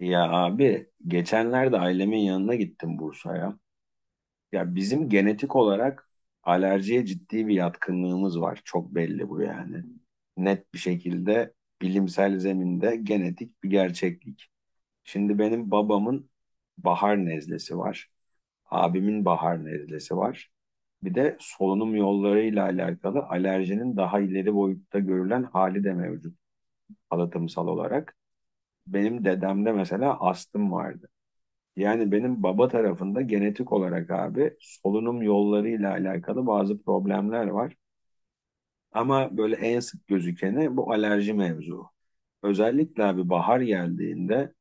Ya abi geçenlerde ailemin yanına gittim Bursa'ya. Ya bizim genetik olarak alerjiye ciddi bir yatkınlığımız var. Çok belli bu yani. Net bir şekilde bilimsel zeminde genetik bir gerçeklik. Şimdi benim babamın bahar nezlesi var. Abimin bahar nezlesi var. Bir de solunum yollarıyla alakalı alerjinin daha ileri boyutta görülen hali de mevcut halatımsal olarak. Benim dedemde mesela astım vardı. Yani benim baba tarafında genetik olarak abi solunum yollarıyla alakalı bazı problemler var. Ama böyle en sık gözükeni bu alerji mevzu. Özellikle abi bahar geldiğinde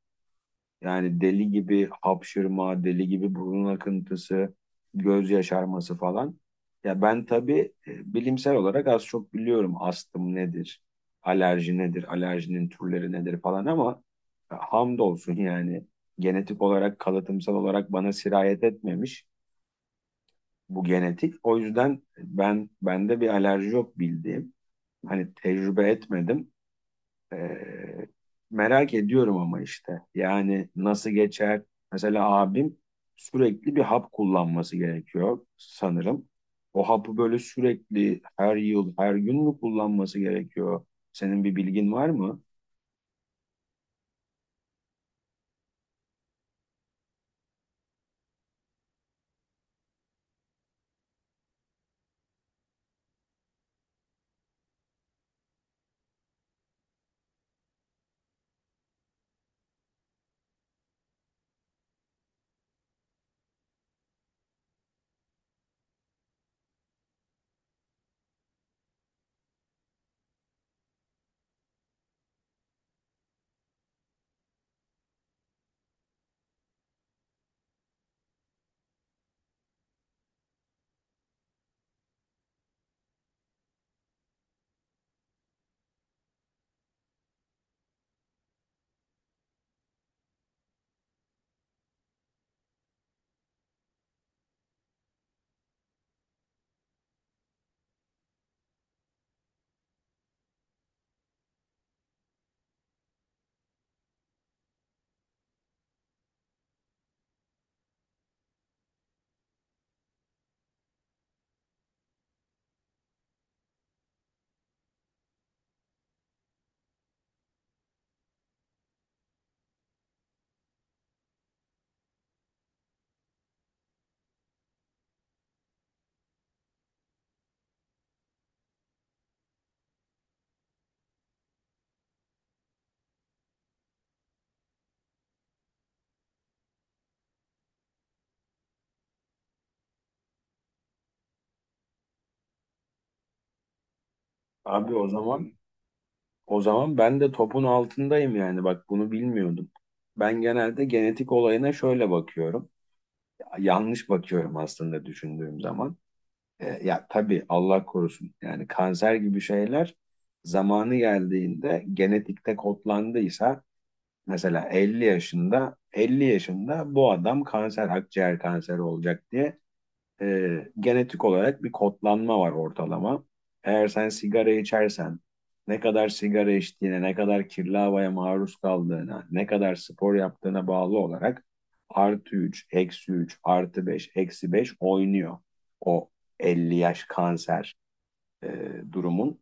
yani deli gibi hapşırma, deli gibi burun akıntısı, göz yaşarması falan. Ya ben tabii bilimsel olarak az çok biliyorum astım nedir, alerji nedir, alerjinin türleri nedir falan ama hamdolsun yani genetik olarak, kalıtımsal olarak bana sirayet etmemiş bu genetik. O yüzden bende bir alerji yok bildiğim. Hani tecrübe etmedim. Ee, merak ediyorum ama işte yani nasıl geçer? Mesela abim sürekli bir hap kullanması gerekiyor sanırım. O hapı böyle sürekli her yıl, her gün mü kullanması gerekiyor? Senin bir bilgin var mı? Abi o zaman ben de topun altındayım yani bak bunu bilmiyordum. Ben genelde genetik olayına şöyle bakıyorum. Yanlış bakıyorum aslında düşündüğüm zaman. Ya tabii Allah korusun. Yani kanser gibi şeyler zamanı geldiğinde genetikte kodlandıysa mesela 50 yaşında 50 yaşında bu adam kanser, akciğer kanseri olacak diye genetik olarak bir kodlanma var ortalama. Eğer sen sigara içersen, ne kadar sigara içtiğine, ne kadar kirli havaya maruz kaldığına, ne kadar spor yaptığına bağlı olarak artı 3, eksi 3, artı 5, eksi 5 oynuyor. O 50 yaş kanser e, durumun.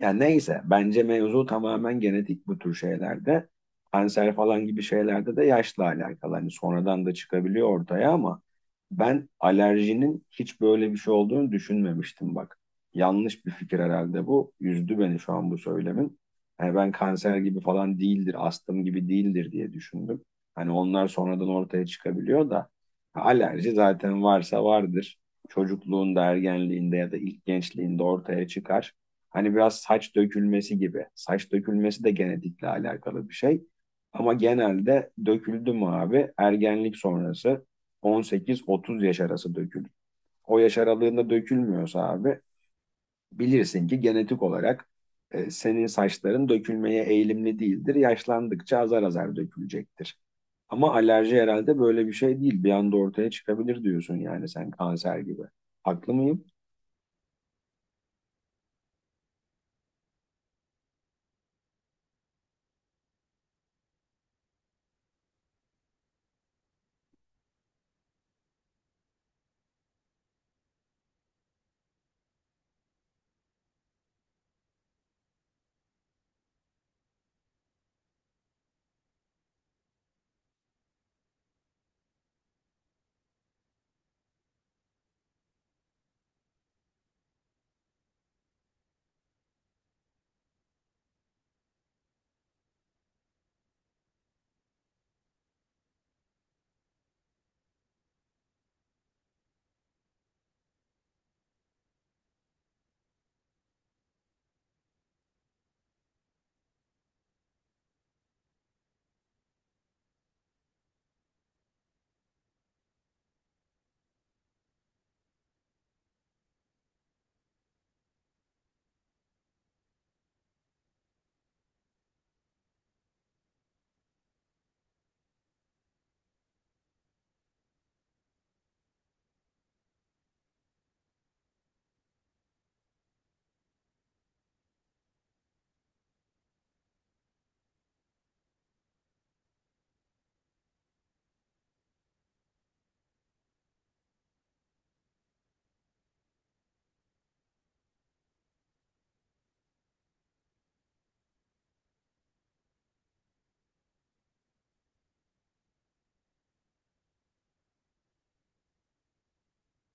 Yani neyse bence mevzu tamamen genetik bu tür şeylerde. Kanser falan gibi şeylerde de yaşla alakalı. Hani sonradan da çıkabiliyor ortaya ama ben alerjinin hiç böyle bir şey olduğunu düşünmemiştim bak. Yanlış bir fikir herhalde bu. Üzdü beni şu an bu söylemin. Hani ben kanser gibi falan değildir, astım gibi değildir diye düşündüm. Hani onlar sonradan ortaya çıkabiliyor da alerji zaten varsa vardır. Çocukluğunda, ergenliğinde ya da ilk gençliğinde ortaya çıkar. Hani biraz saç dökülmesi gibi. Saç dökülmesi de genetikle alakalı bir şey. Ama genelde döküldü mü abi ergenlik sonrası 18-30 yaş arası dökülür. O yaş aralığında dökülmüyorsa abi bilirsin ki genetik olarak senin saçların dökülmeye eğilimli değildir. Yaşlandıkça azar azar dökülecektir. Ama alerji herhalde böyle bir şey değil. Bir anda ortaya çıkabilir diyorsun yani sen kanser gibi. Haklı mıyım?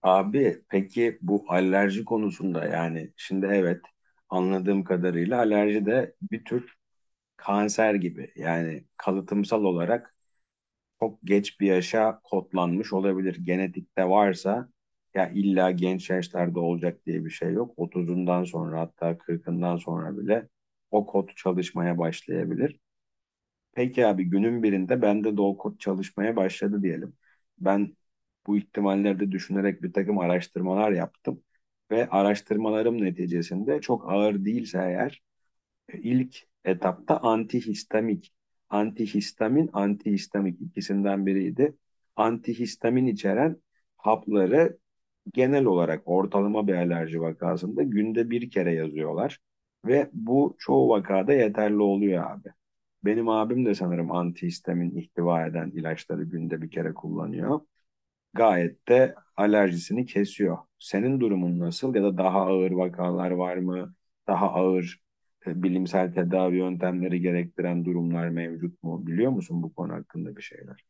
Abi peki bu alerji konusunda yani şimdi evet anladığım kadarıyla alerji de bir tür kanser gibi. Yani kalıtımsal olarak çok geç bir yaşa kodlanmış olabilir. Genetikte varsa ya illa genç yaşlarda olacak diye bir şey yok. 30'undan sonra hatta 40'ından sonra bile o kod çalışmaya başlayabilir. Peki abi günün birinde bende low code çalışmaya başladı diyelim. Ben bu ihtimalleri de düşünerek bir takım araştırmalar yaptım. Ve araştırmalarım neticesinde çok ağır değilse eğer ilk etapta antihistamik, antihistamin, antihistamik ikisinden biriydi. Antihistamin içeren hapları genel olarak ortalama bir alerji vakasında günde bir kere yazıyorlar. Ve bu çoğu vakada yeterli oluyor abi. Benim abim de sanırım antihistamin ihtiva eden ilaçları günde bir kere kullanıyor. Gayet de alerjisini kesiyor. Senin durumun nasıl ya da daha ağır vakalar var mı? Daha ağır bilimsel tedavi yöntemleri gerektiren durumlar mevcut mu? Biliyor musun bu konu hakkında bir şeyler?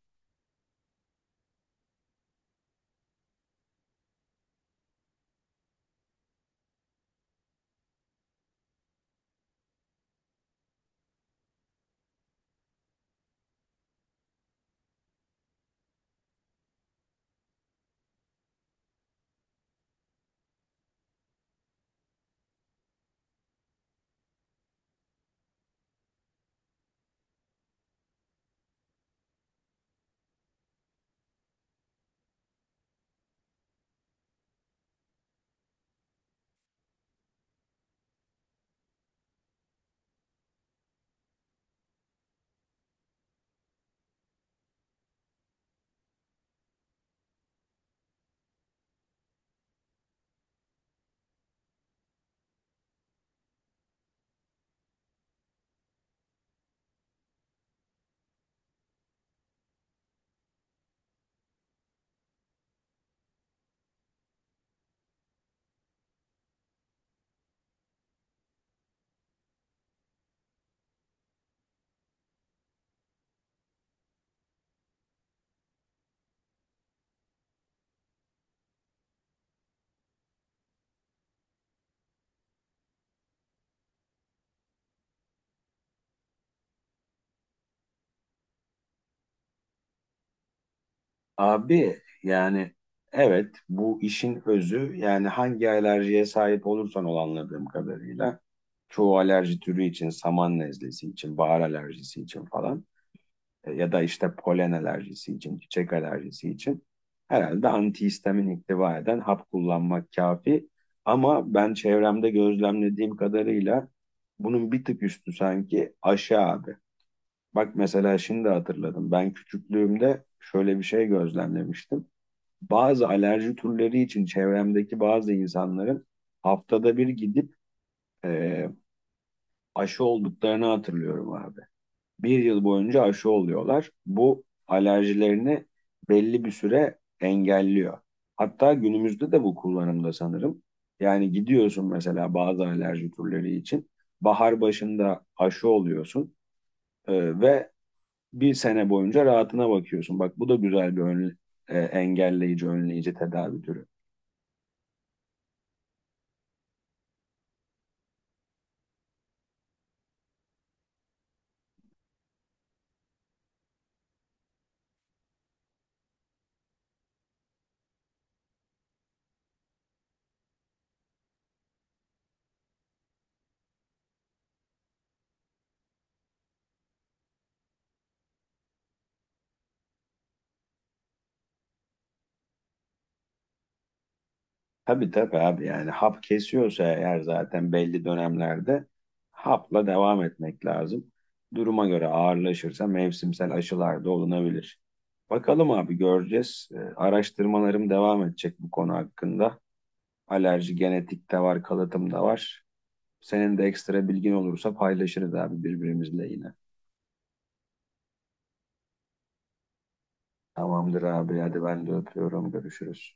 Abi yani evet bu işin özü yani hangi alerjiye sahip olursan ol anladığım kadarıyla çoğu alerji türü için saman nezlesi için bahar alerjisi için falan ya da işte polen alerjisi için çiçek alerjisi için herhalde antihistamin ihtiva eden hap kullanmak kafi ama ben çevremde gözlemlediğim kadarıyla bunun bir tık üstü sanki aşı abi. Bak mesela şimdi hatırladım ben küçüklüğümde şöyle bir şey gözlemlemiştim bazı alerji türleri için çevremdeki bazı insanların haftada bir gidip e, aşı olduklarını hatırlıyorum abi. Bir yıl boyunca aşı oluyorlar. Bu alerjilerini belli bir süre engelliyor. Hatta günümüzde de bu kullanımda sanırım. Yani gidiyorsun mesela bazı alerji türleri için. Bahar başında aşı oluyorsun ve bir sene boyunca rahatına bakıyorsun. Bak bu da güzel bir engelleyici, önleyici tedavi türü. Tabii tabii abi yani hap kesiyorsa eğer zaten belli dönemlerde hapla devam etmek lazım. Duruma göre ağırlaşırsa mevsimsel aşılar da olunabilir. Bakalım abi göreceğiz. Araştırmalarım devam edecek bu konu hakkında. Alerji genetik de var, kalıtım da var. Senin de ekstra bilgin olursa paylaşırız abi birbirimizle yine. Tamamdır abi hadi ben de öpüyorum görüşürüz.